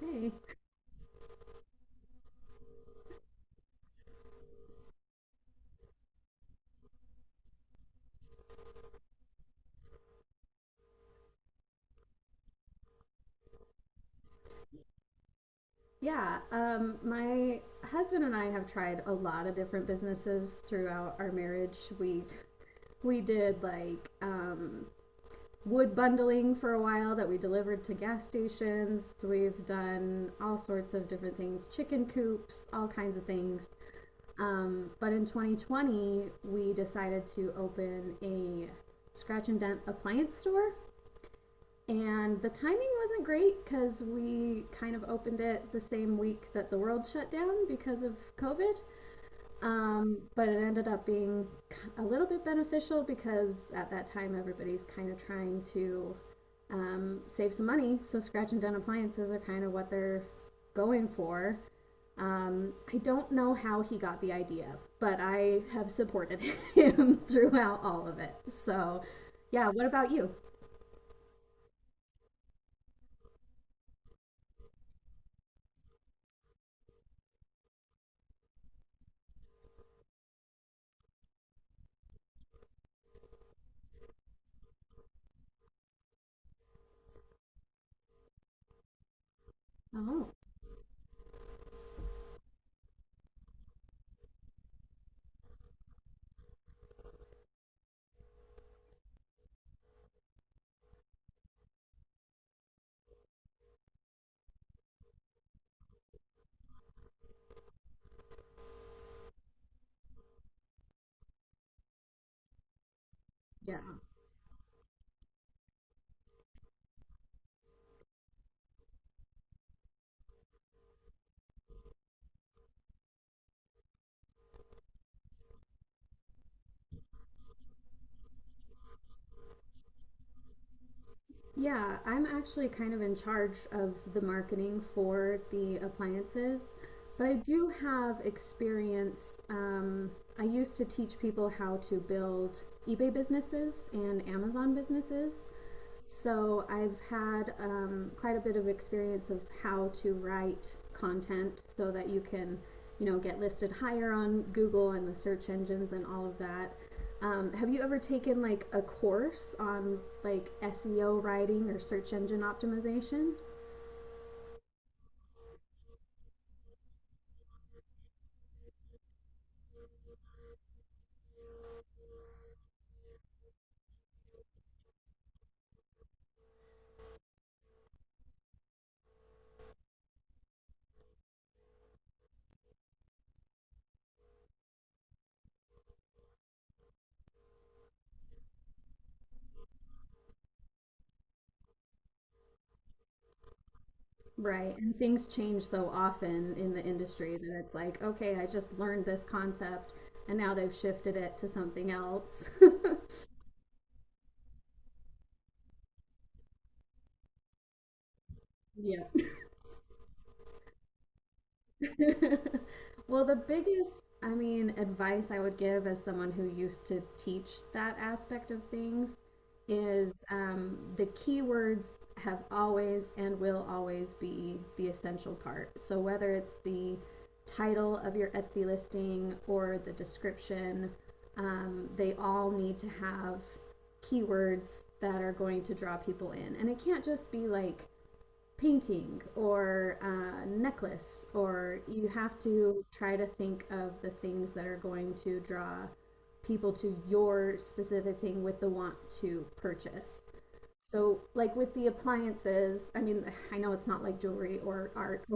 Hey. Yeah, my husband and I have tried a lot of different businesses throughout our marriage. We did wood bundling for a while that we delivered to gas stations. We've done all sorts of different things, chicken coops, all kinds of things. But in 2020, we decided to open a scratch and dent appliance store. And the timing wasn't great because we kind of opened it the same week that the world shut down because of COVID. But it ended up being a little bit beneficial because at that time everybody's kind of trying to save some money. So scratch and dent appliances are kind of what they're going for. I don't know how he got the idea, but I have supported him throughout all of it. So, yeah, what about you? Oh, yeah. Yeah, I'm actually kind of in charge of the marketing for the appliances, but I do have experience. I used to teach people how to build eBay businesses and Amazon businesses. So I've had quite a bit of experience of how to write content so that you can, get listed higher on Google and the search engines and all of that. Have you ever taken like a course on like SEO writing or search engine optimization? Right. And things change so often in the industry that it's like, okay, I just learned this concept and now they've shifted it to something else. Yeah. Well, the biggest, I mean, advice I would give as someone who used to teach that aspect of things is the keywords have always and will always be the essential part. So whether it's the title of your Etsy listing or the description, they all need to have keywords that are going to draw people in. And it can't just be like painting or a necklace, or you have to try to think of the things that are going to draw people to your specific thing with the want to purchase. So, like with the appliances, I mean, I know it's not like jewelry or art,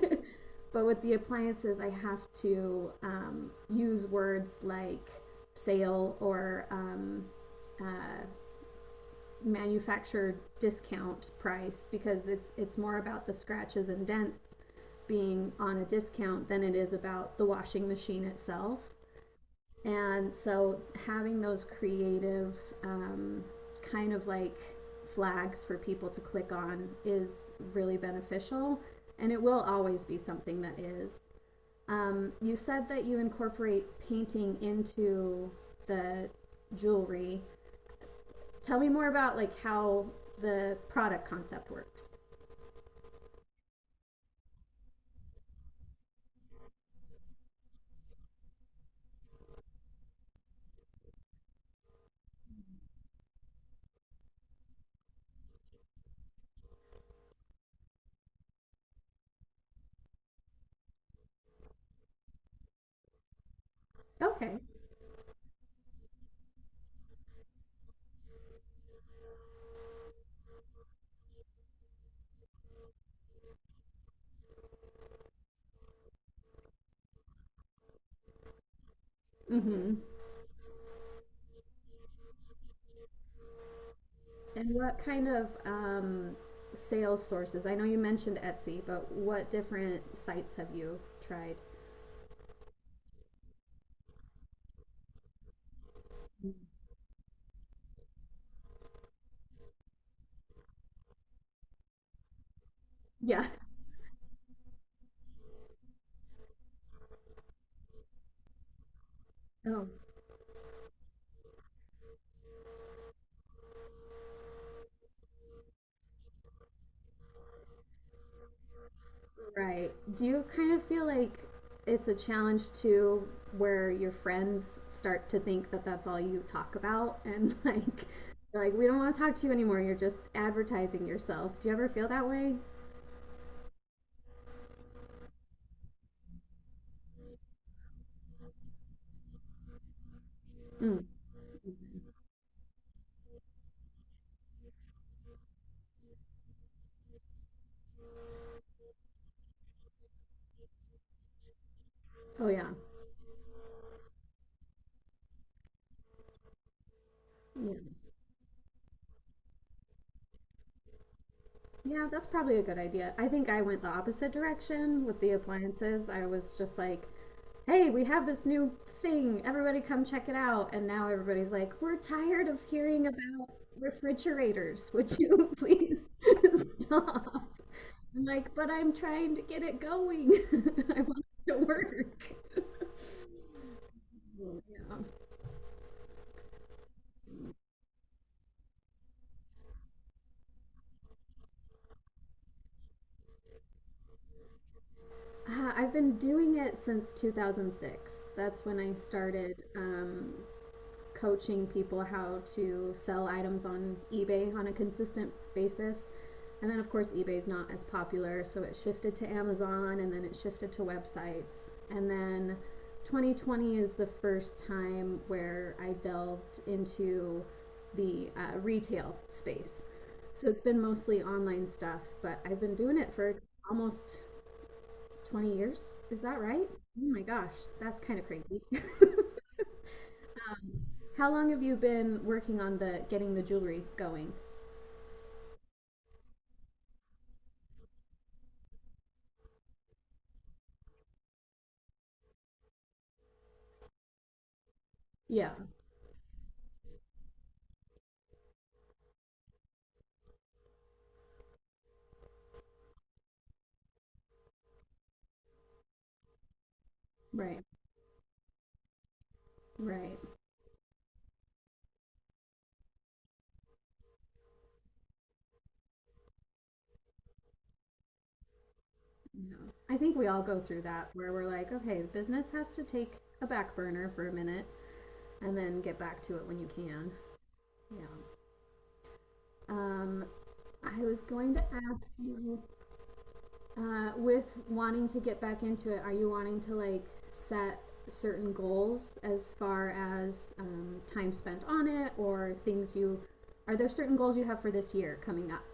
but with the appliances, I have to use words like sale or uh, Manufactured discount price because it's more about the scratches and dents being on a discount than it is about the washing machine itself. And so having those creative um, kind of like flags for people to click on is really beneficial and it will always be something that is. You said that you incorporate painting into the jewelry. Tell me more about like how the product concept works. Okay. Mm-hmm. And what kind of sales sources? I know you mentioned Etsy, but what different sites have you tried? Yeah. Oh, right. Do you kind of feel like it's a challenge too, where your friends start to think that that's all you talk about, and like, they're like we don't want to talk to you anymore. You're just advertising yourself. Do you ever feel that way? Oh yeah. Yeah. Yeah, that's probably a good idea. I think I went the opposite direction with the appliances. I was just like, hey, we have this new thing. Everybody come check it out. And now everybody's like, we're tired of hearing about refrigerators. Would you please stop? I'm like, but I'm trying to get it going. I want it to work. Yeah. I've been doing it since 2006. That's when I started coaching people how to sell items on eBay on a consistent basis. And then, of course, eBay's not as popular, so it shifted to Amazon and then it shifted to websites. And then 2020 is the first time where I delved into the retail space. So it's been mostly online stuff, but I've been doing it for almost 20 years. Is that right? Oh my gosh, that's kind of crazy. How long have you been working on the getting the jewelry going? Yeah, right, right. No. I think we all go through that where we're like, okay, business has to take a back burner for a minute and then get back to it when you can. Yeah. Um, I was going to ask you, with wanting to get back into it, are you wanting to like set certain goals as far as time spent on it or things you, are there certain goals you have for this year coming up?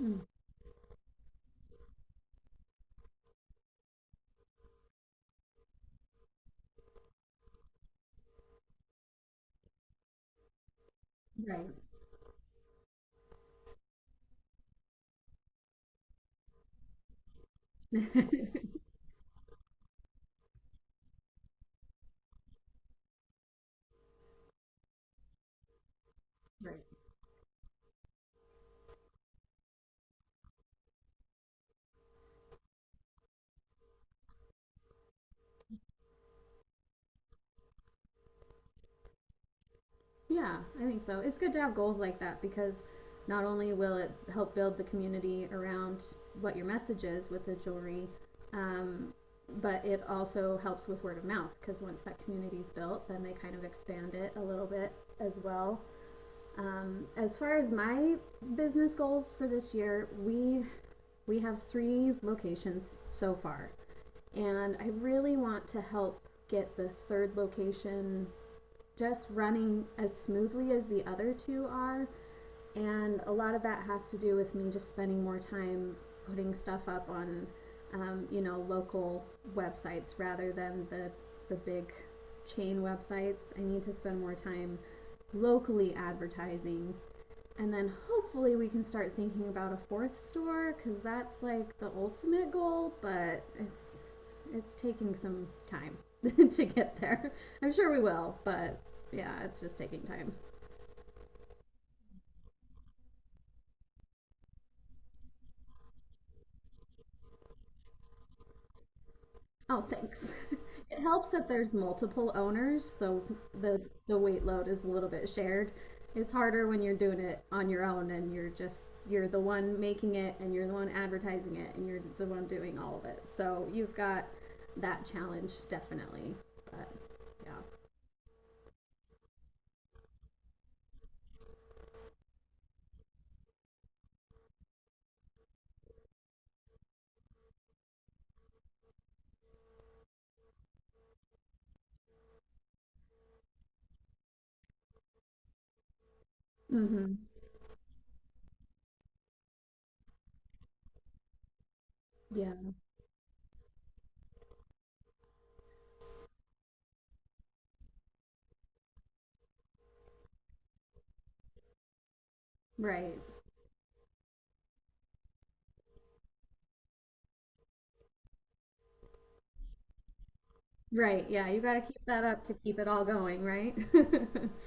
Mm. Right. Yeah, I think so. It's good to have goals like that because not only will it help build the community around what your message is with the jewelry, um, but it also helps with word of mouth because once that community's built, then they kind of expand it a little bit as well. As far as my business goals for this year, we have 3 locations so far, and I really want to help get the third location just running as smoothly as the other two are, and a lot of that has to do with me just spending more time putting stuff up on, local websites rather than the big chain websites. I need to spend more time locally advertising. And then hopefully we can start thinking about a fourth store because that's like the ultimate goal, but it's taking some time to get there. I'm sure we will, but yeah, it's just taking time. Oh, thanks. It helps that there's multiple owners, so the the weight load is a little bit shared. It's harder when you're doing it on your own and you're the one making it and you're the one advertising it and you're the one doing all of it. So you've got that challenge definitely. But yeah. Mhm. Yeah. Right. Right. Yeah, you got to keep that up to keep it all going, right?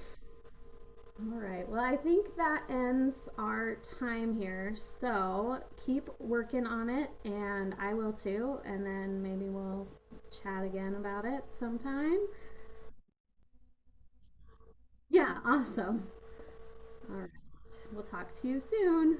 All right. Well, I think that ends our time here. So keep working on it, and I will too. And then maybe we'll chat again about it sometime. Yeah, awesome. All right. We'll talk to you soon.